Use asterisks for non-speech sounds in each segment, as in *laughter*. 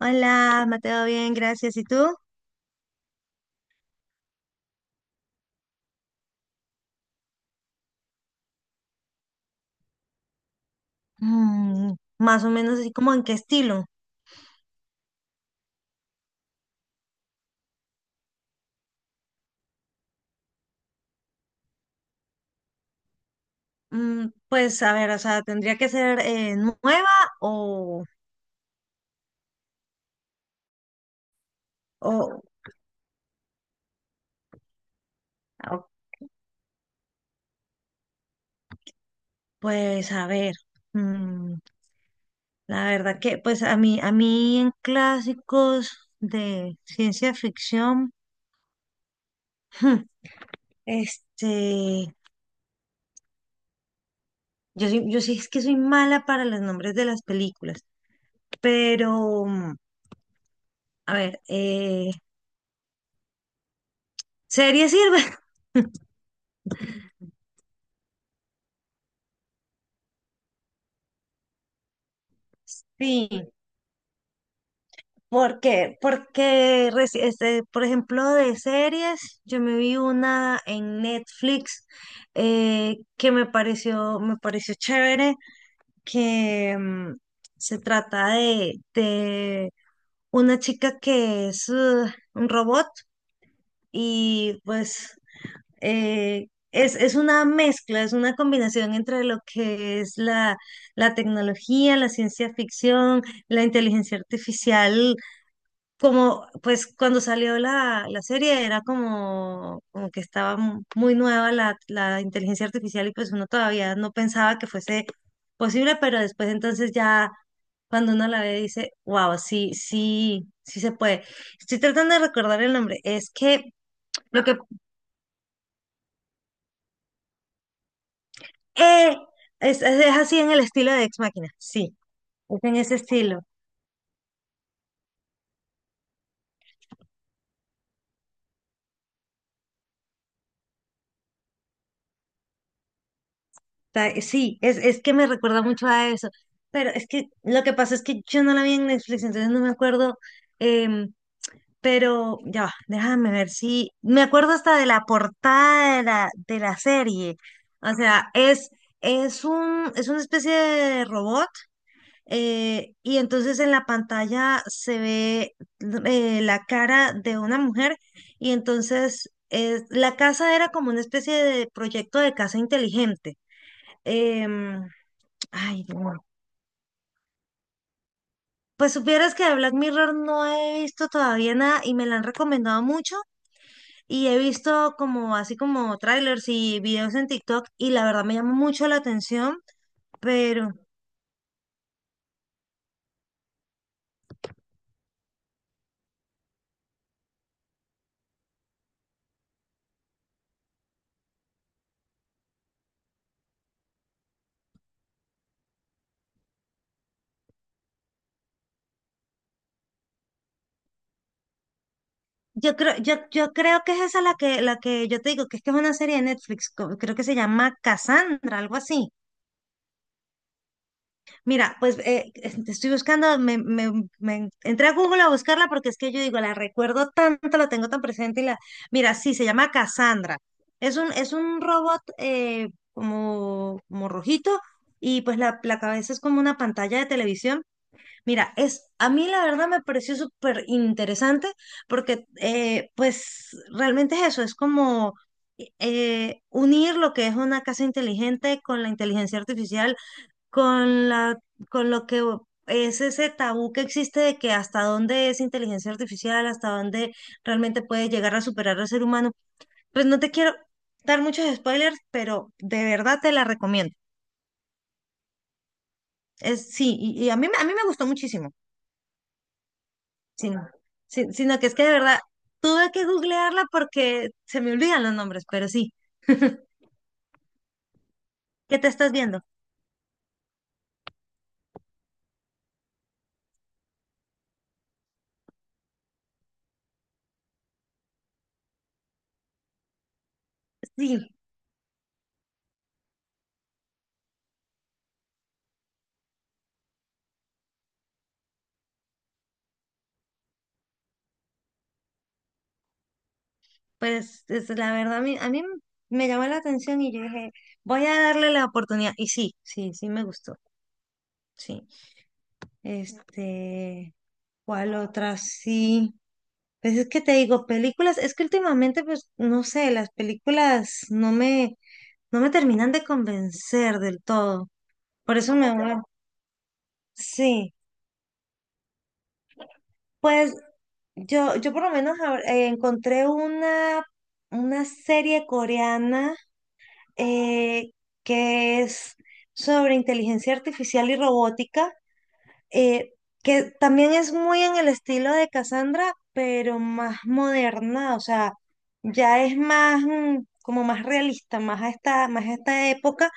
Hola, Mateo, bien, gracias. ¿Y tú? Mm, más o menos así como en qué estilo. Pues a ver, o sea, tendría que ser nueva o, o, o, pues a ver. mm, la verdad que pues a mí, a mí, en clásicos de ciencia ficción, *laughs* este, yo sí es que soy mala para los nombres de las películas, pero a ver, ¿serie sirve? *laughs* Sí. Porque, por ejemplo, de series, yo me vi una en Netflix que me pareció chévere, que se trata de una chica que es un robot y pues es una mezcla, es una combinación entre lo que es la tecnología, la ciencia ficción, la inteligencia artificial como, pues cuando salió la serie era como, como que estaba muy nueva la inteligencia artificial y pues uno todavía no pensaba que fuese posible, pero después entonces ya cuando uno la ve dice, wow, sí, sí, sí se puede. Estoy tratando de recordar el nombre, es que lo que... ¡Eh! Es así en el estilo de Ex Machina, sí, es en ese estilo. Sí, es que me recuerda mucho a eso. Pero es que lo que pasa es que yo no la vi en Netflix, entonces no me acuerdo. em, pero ya va, déjame ver si. Me acuerdo hasta de la portada de la serie. O sea, es un, es una especie de robot. Y entonces en la pantalla se ve la cara de una mujer. Y entonces la casa era como una especie de proyecto de casa inteligente. Em, Ay, no. Pues supieras que de Black Mirror no he visto todavía nada y me la han recomendado mucho y he visto como así como trailers y videos en TikTok y la verdad me llama mucho la atención, pero yo creo, yo creo que es esa la que yo te digo, que es una serie de Netflix, creo que se llama Cassandra, algo así. Mira, pues estoy buscando, me entré a Google a buscarla porque es que yo digo, la recuerdo tanto, la tengo tan presente y la... Mira, sí, se llama Cassandra. Es un robot como, como rojito y pues la cabeza es como una pantalla de televisión. Mira, es, a mí la verdad me pareció súper interesante porque pues realmente es eso, es como... unir lo que es una casa inteligente con la inteligencia artificial con con lo que es ese tabú que existe de que hasta dónde es inteligencia artificial, hasta dónde realmente puede llegar a superar al ser humano. Pues no te quiero dar muchos spoilers, pero de verdad te la recomiendo. Es, sí, y a mí, a mí me gustó muchísimo, sino, sino que es que de verdad tuve que googlearla porque se me olvidan los nombres, pero sí. *laughs* ¿Qué te estás viendo? Sí. Pues la verdad, a mí me llamó la atención y yo dije, voy a darle la oportunidad. Y sí, sí, sí me gustó. Sí. Este, ¿cuál otra? Sí. Pues es que te digo, películas, es que últimamente, pues, no sé, las películas no me, no me terminan de convencer del todo. Por eso me voy. Sí. Pues yo por lo menos ahora, encontré una serie coreana eh, que es sobre inteligencia artificial y robótica, eh, que también es muy en el estilo de Cassandra, pero más moderna, o sea, ya es más como más realista, más a esta época,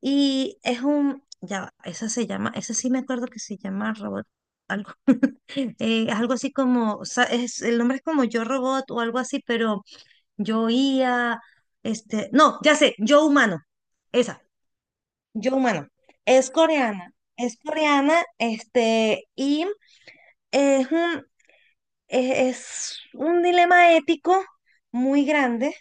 y es un, ya, va, esa se llama, esa sí me acuerdo que se llama robot. Algo, algo así como, o sea, es, el nombre es como Yo Robot o algo así, pero yo IA, no, ya sé, Yo Humano, esa. Yo, bueno, es coreana, y es un, es, es un dilema ético muy grande,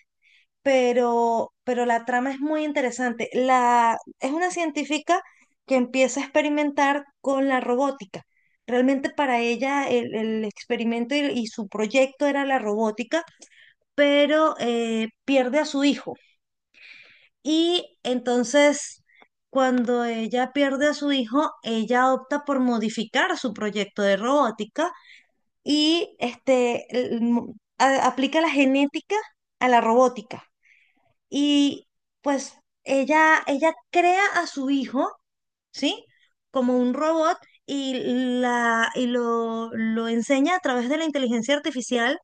pero la trama es muy interesante. La, es una científica que empieza a experimentar con la robótica. Realmente para ella el experimento y su proyecto era la robótica, pero pierde a su hijo. Y entonces, cuando ella pierde a su hijo, ella opta por modificar su proyecto de robótica y aplica la genética a la robótica. Y pues ella crea a su hijo, ¿sí? Como un robot y, la, y lo enseña a través de la inteligencia artificial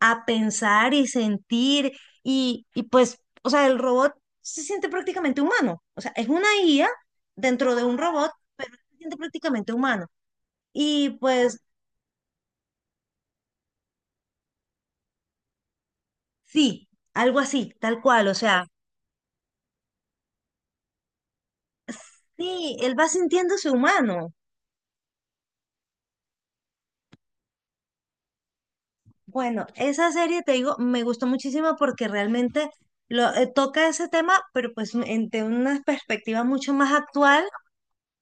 a pensar y sentir y pues, o sea, el robot se siente prácticamente humano. O sea, es una IA dentro de un robot, pero se siente prácticamente humano. Y pues sí, algo así, tal cual. O sea, sí, él va sintiéndose humano. Bueno, esa serie, te digo, me gustó muchísimo porque realmente lo, toca ese tema, pero pues de una perspectiva mucho más actual.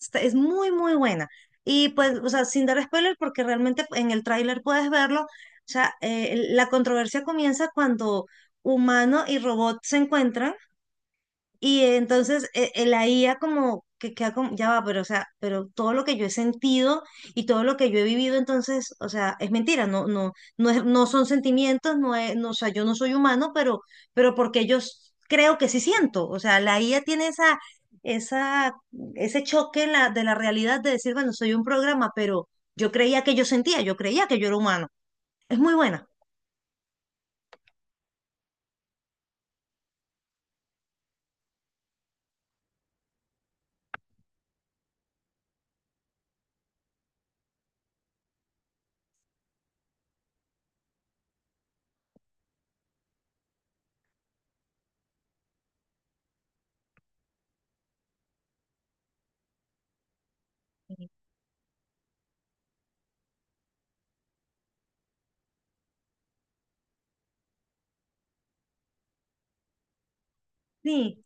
Es muy, muy buena. Y pues, o sea, sin dar spoiler, porque realmente en el tráiler puedes verlo, o sea, la controversia comienza cuando humano y robot se encuentran y entonces la IA como que queda como, ya va, pero o sea, pero todo lo que yo he sentido y todo lo que yo he vivido, entonces, o sea, es mentira, no, no, no es, no son sentimientos, no es, no, o sea, yo no soy humano, pero porque yo creo que sí siento. O sea, la IA tiene esa, esa, ese choque en la, de la realidad de decir, bueno, soy un programa, pero yo creía que yo sentía, yo creía que yo era humano. Es muy buena. Sí,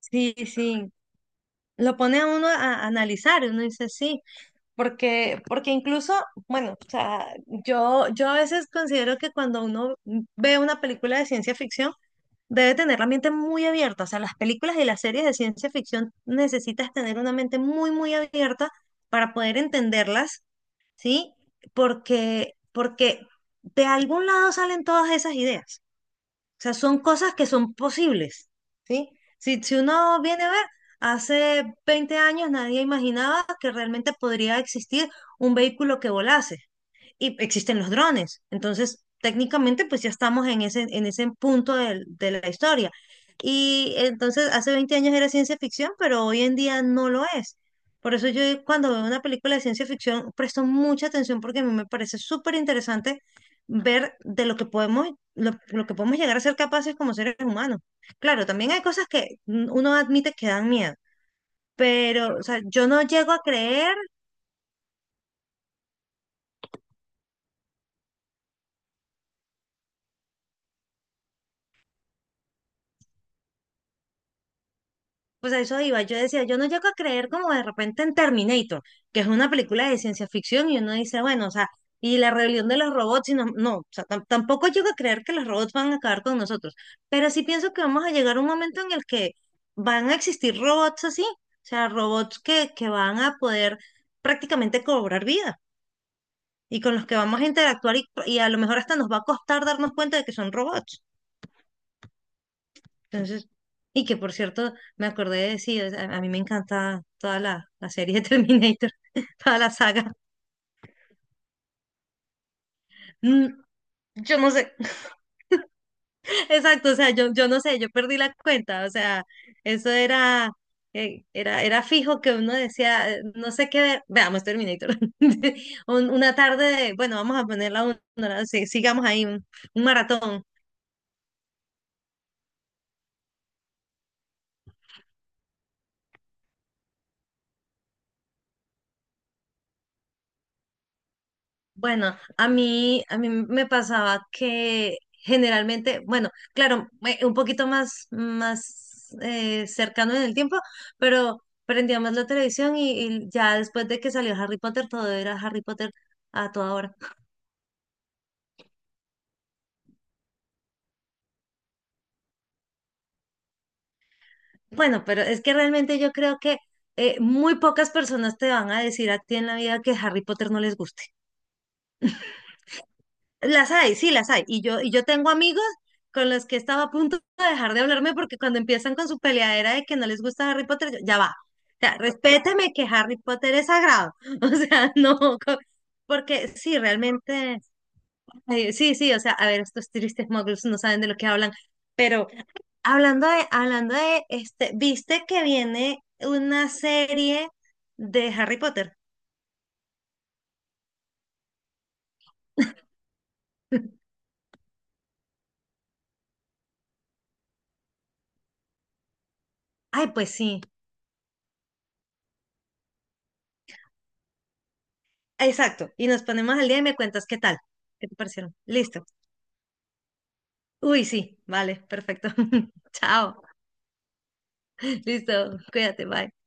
sí, sí. Lo pone a uno a analizar, y uno dice, sí. Porque, porque incluso, bueno, o sea, yo a veces considero que cuando uno ve una película de ciencia ficción, debe tener la mente muy abierta. O sea, las películas y las series de ciencia ficción necesitas tener una mente muy, muy abierta para poder entenderlas, ¿sí? Porque, porque de algún lado salen todas esas ideas. O sea, son cosas que son posibles, ¿sí? Si, si uno viene a ver, hace 20 años nadie imaginaba que realmente podría existir un vehículo que volase y existen los drones. Entonces, técnicamente, pues ya estamos en ese punto de la historia. Y entonces, hace 20 años era ciencia ficción, pero hoy en día no lo es. Por eso yo cuando veo una película de ciencia ficción presto mucha atención porque a mí me parece súper interesante ver de lo que podemos llegar a ser capaces como seres humanos. Claro, también hay cosas que uno admite que dan miedo, pero o sea, yo no llego a creer. Pues a eso iba. Yo decía, yo no llego a creer como de repente en Terminator, que es una película de ciencia ficción y uno dice, bueno, o sea, y la rebelión de los robots, y no, no, o sea, tampoco llego a creer que los robots van a acabar con nosotros, pero sí pienso que vamos a llegar a un momento en el que van a existir robots así, o sea, robots que van a poder prácticamente cobrar vida y con los que vamos a interactuar y a lo mejor hasta nos va a costar darnos cuenta de que son robots. Entonces, y que por cierto, me acordé de sí, o sea, a mí me encanta toda la serie de Terminator, *laughs* toda la saga. Mm, Yo no sé, *laughs* exacto, o sea, yo no sé, yo perdí la cuenta, o sea, eso era, era, era fijo que uno decía, no sé qué ver, veamos Terminator. *laughs* Una tarde, de, bueno, vamos a ponerla una, hora, sí, sigamos ahí, un maratón. Bueno, a mí me pasaba que generalmente, bueno, claro, un poquito más, más cercano en el tiempo, pero prendíamos la televisión y ya después de que salió Harry Potter, todo era Harry Potter a toda hora. Bueno, pero es que realmente yo creo que muy pocas personas te van a decir a ti en la vida que Harry Potter no les guste. Las hay, sí, las hay. Y yo tengo amigos con los que estaba a punto de dejar de hablarme porque cuando empiezan con su peleadera de que no les gusta Harry Potter, yo, ya va. O sea, respéteme que Harry Potter es sagrado. *laughs* O sea, no, porque sí, realmente, sí, sí, o sea, a ver, estos tristes muggles no saben de lo que hablan. Pero hablando de, este, ¿viste que viene una serie de Harry Potter? *laughs* Ay, pues sí, exacto. Y nos ponemos al día y me cuentas qué tal, qué te parecieron. Listo. Uy, sí, vale, perfecto. *laughs* Chao, listo, cuídate, bye.